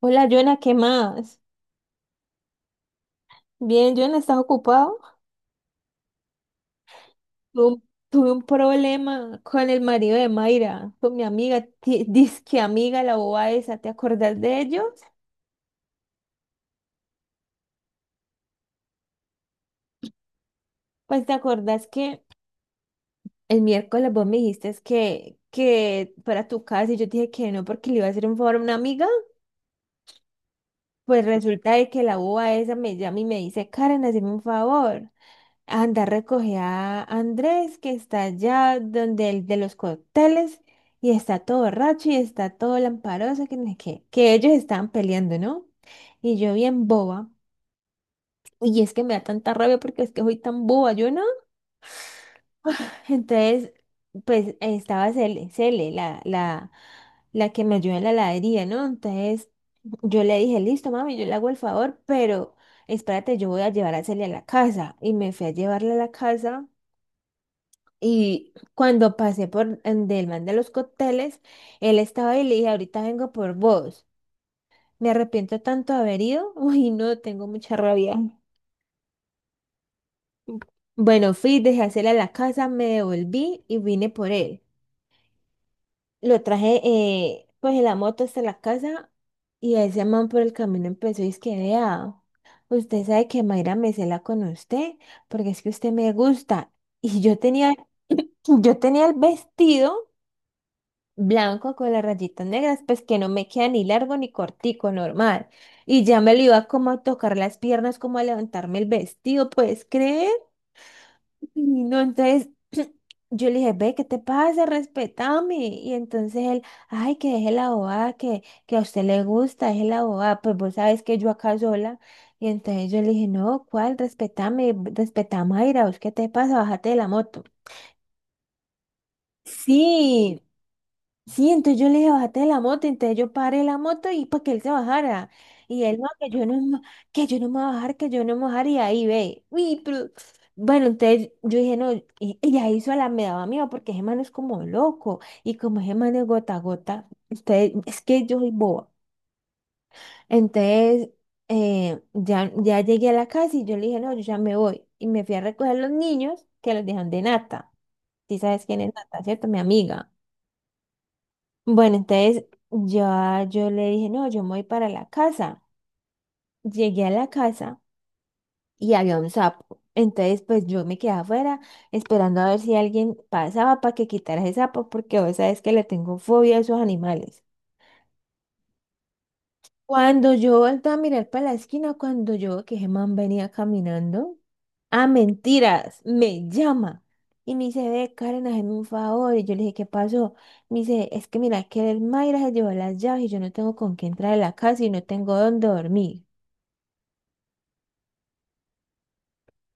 Hola, Jonah, ¿qué más? Bien, Jonah, ¿estás ocupado? Tuve un problema con el marido de Mayra, con mi amiga, disque amiga, la boba esa. ¿Te acordás de ellos? Pues te acordás que el miércoles vos me dijiste es que para tu casa y yo te dije que no porque le iba a hacer un favor a una amiga. Pues resulta de que la boba esa me llama y me dice, Karen, hazme un favor. Anda, recoge a Andrés, que está allá donde el de los cócteles, y está todo borracho y está todo lamparoso, que no sé qué, que ellos estaban peleando, ¿no? Y yo bien boba, y es que me da tanta rabia porque es que soy tan boba, yo no. Entonces, pues estaba Cele, la que me ayuda en la heladería, ¿no? Entonces, yo le dije, listo, mami, yo le hago el favor, pero espérate, yo voy a llevar a Cele a la casa. Y me fui a llevarla a la casa. Y cuando pasé por del man de los cócteles, él estaba y le dije, ahorita vengo por vos. Me arrepiento tanto de haber ido. Uy, no, tengo mucha rabia. Bueno, fui, dejé hacerle a la casa, me devolví y vine por él. Lo traje pues en la moto hasta la casa y ese man por el camino empezó y es que vea, usted sabe que Mayra me cela con usted porque es que usted me gusta. Y yo tenía, yo tenía el vestido blanco con las rayitas negras, pues que no me queda ni largo ni cortico, normal. Y ya me lo iba como a tocar las piernas, como a levantarme el vestido, ¿puedes creer? Y no, entonces yo le dije, ve, ¿qué te pasa? Respetame. Y entonces él, ay, que deje la bobada, que a usted le gusta, deje la bobada, pues vos sabes que yo acá sola. Y entonces yo le dije, no, ¿cuál? Respetame, respetame, Mayra, ¿vos qué te pasa? Bájate de la moto. Sí. Sí, entonces yo le dije, bájate de la moto, entonces yo paré la moto y para que él se bajara. Y él, no, que yo que yo no me voy a bajar, que yo no me voy a bajar, y ahí ve. Uy, pero... Bueno, entonces yo dije, no, y ahí sola me daba miedo, porque ese man es como loco, y como ese man es gota a gota, entonces, es que yo soy boba. Entonces, ya llegué a la casa y yo le dije, no, yo ya me voy. Y me fui a recoger los niños que los dejan de Nata. Si sabes quién es Nata, ¿cierto? Mi amiga. Bueno, entonces ya yo le dije, no, yo me voy para la casa. Llegué a la casa y había un sapo. Entonces, pues yo me quedé afuera esperando a ver si alguien pasaba para que quitara ese sapo, porque vos sabes que le tengo fobia a esos animales. Cuando yo volteé a mirar para la esquina, cuando yo que Germán venía caminando, ah, mentiras, me llama y me dice, ve, Karen, hazme un favor. Y yo le dije, ¿qué pasó? Me dice, es que mira, que el Mayra se llevó las llaves y yo no tengo con qué entrar a la casa y no tengo dónde dormir.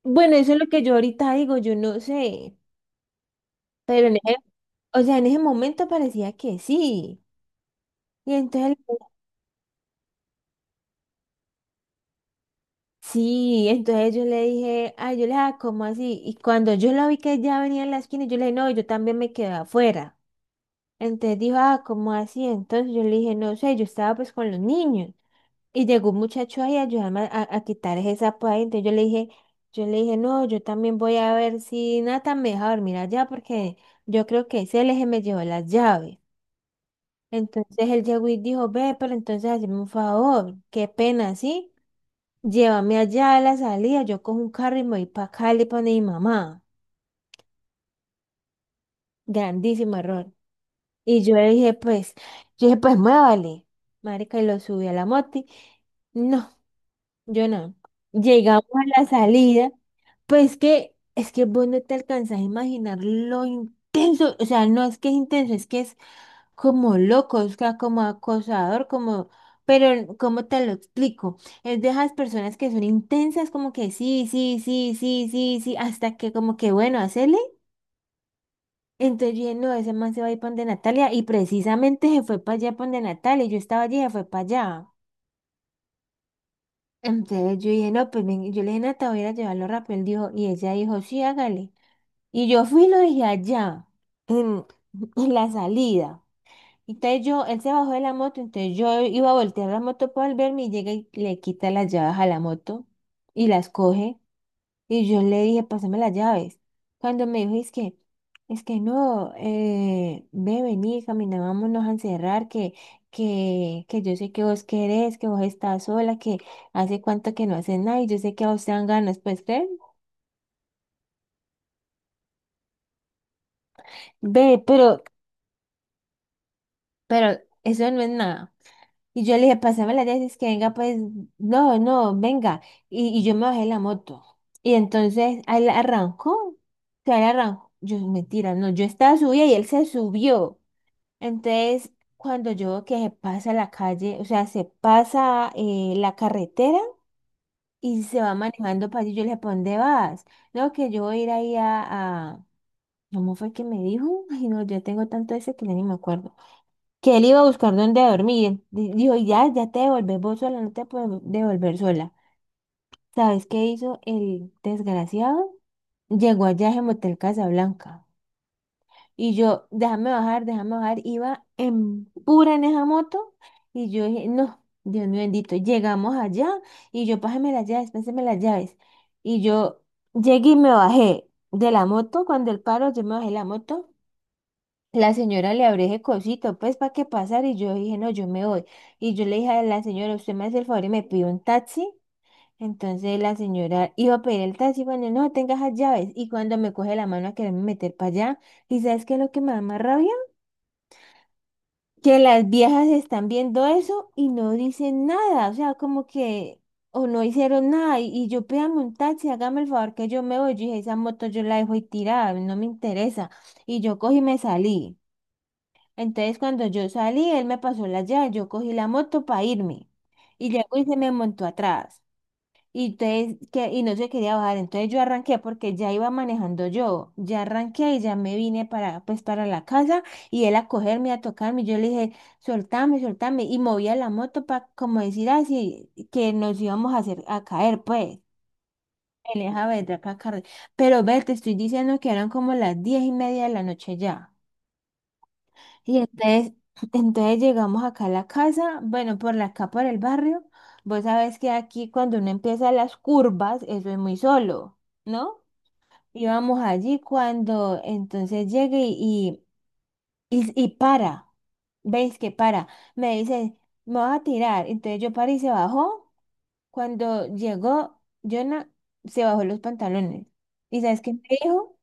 Bueno, eso es lo que yo ahorita digo, yo no sé, pero en o sea, en ese momento parecía que sí. Y entonces sí, entonces yo le dije, ah, ¿cómo así? Y cuando yo la vi que ya venía en la esquina, yo le dije, no, yo también me quedé afuera. Entonces dijo, ah, ¿cómo así? Entonces yo le dije, no sé, yo estaba pues con los niños. Y llegó un muchacho ahí a ayudarme a quitar ese sapo ahí. Entonces yo le dije, no, yo también voy a ver si Nathan me deja dormir allá porque yo creo que ese eje me llevó las llaves. Entonces él llegó y dijo, ve, pero entonces hazme un favor, qué pena, ¿sí? Llévame allá a la salida, yo cojo un carro y me voy para Cali para mi mamá. Grandísimo error. Y yo dije, pues muévale. Marica, y lo subí a la moti. No, yo no. Llegamos a la salida. Pues que, es que vos no te alcanzas a imaginar lo intenso, o sea, no es que es intenso, es que es como loco, o sea, como acosador, como, pero ¿cómo te lo explico? Es de esas personas que son intensas, como que sí, sí, sí, sí, sí, sí, hasta que como que bueno, hacele. Entonces yo dije, no, ese man se va a ir para donde Natalia, y precisamente se fue para allá para donde Natalia, y yo estaba allí, y se fue para allá. Entonces yo dije, no, pues ven, yo le dije, Nata, voy a ir a llevarlo rápido, él dijo, y ella dijo, sí, hágale. Y yo fui y lo dejé allá, en, en la salida. Entonces yo, él se bajó de la moto, entonces yo iba a voltear la moto para volverme y llega y le quita las llaves a la moto y las coge. Y yo le dije, pásame las llaves. Cuando me dijo, es que no, ve, vení, camina, vámonos a encerrar, que yo sé que vos querés, que vos estás sola, que hace cuánto que no haces nada y yo sé que a vos te dan ganas, pues, ¿crees? Ve, pero eso no es nada. Y yo le dije, pasame las dices que venga, pues, no, no, venga. Y yo me bajé de la moto. Y entonces él arrancó, o sea, él arrancó. Yo, mentira, no, yo estaba subida y él se subió. Entonces, cuando yo veo que se pasa la calle, o sea, se pasa la carretera y se va manejando para allí, yo le dije, ¿para dónde vas? No, que yo voy a ir ahí a... ¿Cómo fue que me dijo? Ay, no, yo tengo tanto ese que ya ni me acuerdo que él iba a buscar dónde dormir. Dijo, ya, ya te devolvés vos sola, no te puedo devolver sola. ¿Sabes qué hizo el desgraciado? Llegó allá en Motel Casablanca. Y yo, déjame bajar, déjame bajar. Iba en pura en esa moto. Y yo dije, no, Dios mío bendito. Llegamos allá y yo, pásame las llaves, pásame las llaves. Y yo llegué y me bajé de la moto. Cuando el paro, yo me bajé de la moto. La señora le abre ese cosito, pues para qué pasar. Y yo dije, no, yo me voy. Y yo le dije a la señora, usted me hace el favor y me pide un taxi. Entonces la señora iba a pedir el taxi, bueno, no, tenga esas llaves. Y cuando me coge la mano a quererme meter para allá, ¿y sabes qué es lo que me da más rabia? Que las viejas están viendo eso y no dicen nada, o sea, como que, o no hicieron nada. Y yo pídame un taxi, hágame el favor que yo me voy. Yo dije, esa moto yo la dejo ahí tirada, no me interesa. Y yo cogí y me salí. Entonces, cuando yo salí, él me pasó la llave, yo cogí la moto para irme. Y llegó y se me montó atrás. Y, entonces, que, y no se quería bajar. Entonces yo arranqué porque ya iba manejando yo. Ya arranqué y ya me vine para, pues, para la casa. Y él a cogerme, a tocarme. Yo le dije, soltame, soltame. Y movía la moto para como decir así, que nos íbamos a hacer a caer, pues. Él deja ver de acá, Carlos. Pero ve, te estoy diciendo que eran como las 10:30 de la noche ya. Y entonces, entonces llegamos acá a la casa, bueno, por la acá por el barrio. Vos sabés que aquí cuando uno empieza las curvas, eso es muy solo, ¿no? Íbamos allí cuando entonces llegue y para, veis que para, me dice, me vas a tirar. Entonces yo paré y se bajó. Cuando llegó, Jonah se bajó los pantalones. ¿Y sabes qué me dijo?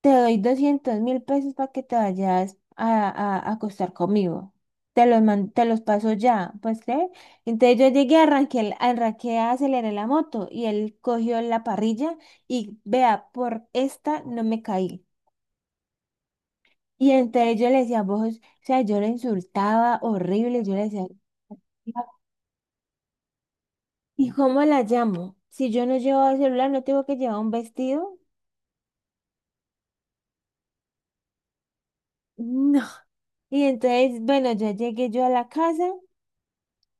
Te doy 200.000 pesos para que te vayas a acostar conmigo. Te los paso ya, ¿pues creer? Entonces yo llegué, arranqué, aceleré la moto y él cogió la parrilla y vea, por esta no me caí. Y entonces yo le decía, vos, o sea, yo le insultaba horrible, yo le decía, ¿y cómo la llamo? Si yo no llevo el celular, ¿no tengo que llevar un vestido? No. Y entonces, bueno, yo llegué yo a la casa.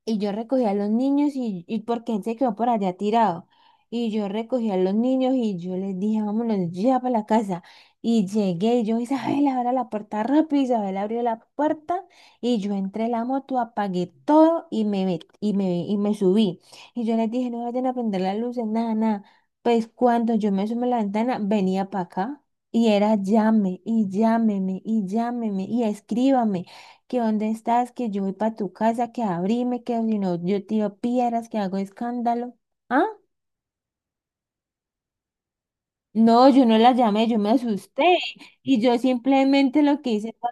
Y yo recogía a los niños y porque él se quedó por allá tirado. Y yo recogí a los niños y yo les dije, vámonos ya para la casa. Y llegué y yo, Isabel, abre la puerta rápido. Isabel abrió la puerta y yo entré en la moto, apagué todo y me subí. Y yo les dije, no vayan a prender las luces, nada, nada. Pues cuando yo me asomé a la ventana, venía para acá. Y era llame, y llámeme, y llámeme, y escríbame que dónde estás, que yo voy para tu casa, que abrime, que si no yo tiro piedras, que hago escándalo. ¿Ah? No, yo no la llamé, yo me asusté y yo simplemente lo que hice fue,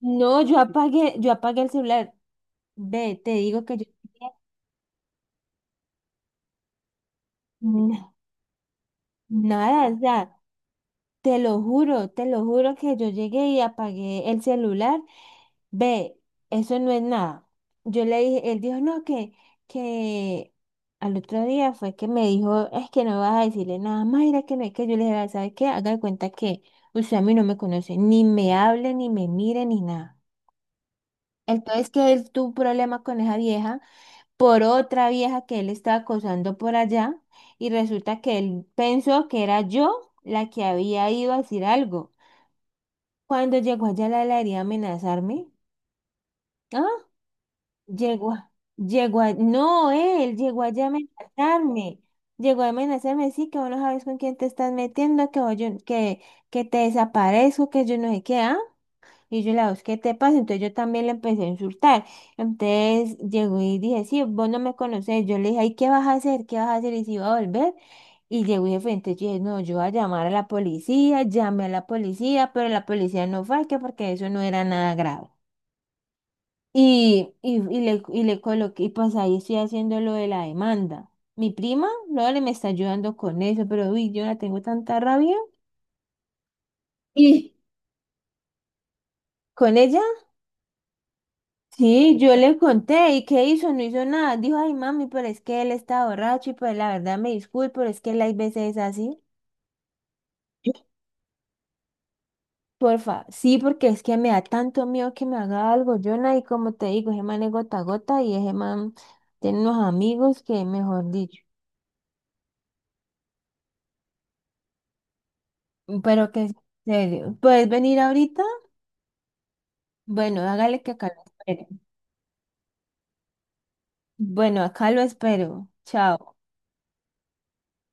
no, yo apagué el celular. Ve, te digo que yo na- nada, o sea, te lo juro que yo llegué y apagué el celular. Ve, eso no es nada. Yo le dije, él dijo, no, que al otro día fue que me dijo, es que no vas a decirle nada, Mayra, que no es que yo le dije, ¿sabes qué? Haga de cuenta que usted a mí no me conoce, ni me hable, ni me mire, ni nada. Entonces que él tuvo un problema con esa vieja por otra vieja que él estaba acosando por allá y resulta que él pensó que era yo la que había ido a decir algo. Cuando llegó allá la le haría amenazarme. ¿Ah? Llegó, a- llegó a, no, Él llegó allá a amenazarme. Llegó a amenazarme, sí, que vos no sabes con quién te estás metiendo, que te desaparezco, que yo no sé qué, ¿ah? Y yo la voz, ¿qué te pasa? Entonces yo también le empecé a insultar. Entonces llegó y dije, sí, vos no me conocés. Yo le dije, ay, ¿qué vas a hacer? ¿Qué vas a hacer? Y si iba a volver. Y llegó y de frente, yo dije, no, yo voy a llamar a la policía, llamé a la policía, pero la policía no fue, que porque eso no era nada grave. Y le coloqué, y pues ahí estoy haciendo lo de la demanda. Mi prima, Lore, me está ayudando con eso, pero uy, yo la tengo tanta rabia. Y ¿con ella? Sí, yo le conté, ¿y qué hizo? No hizo nada. Dijo, ay, mami, pero es que él está borracho y pues la verdad me disculpo, pero es que él hay veces es así. Porfa, sí, porque es que me da tanto miedo que me haga algo, Jonah, y como te digo, ese man es gota a gota y ese man tiene unos amigos que, mejor dicho. Pero que en serio, ¿puedes venir ahorita? Bueno, hágale que acá lo espero. Bueno, acá lo espero. Chao.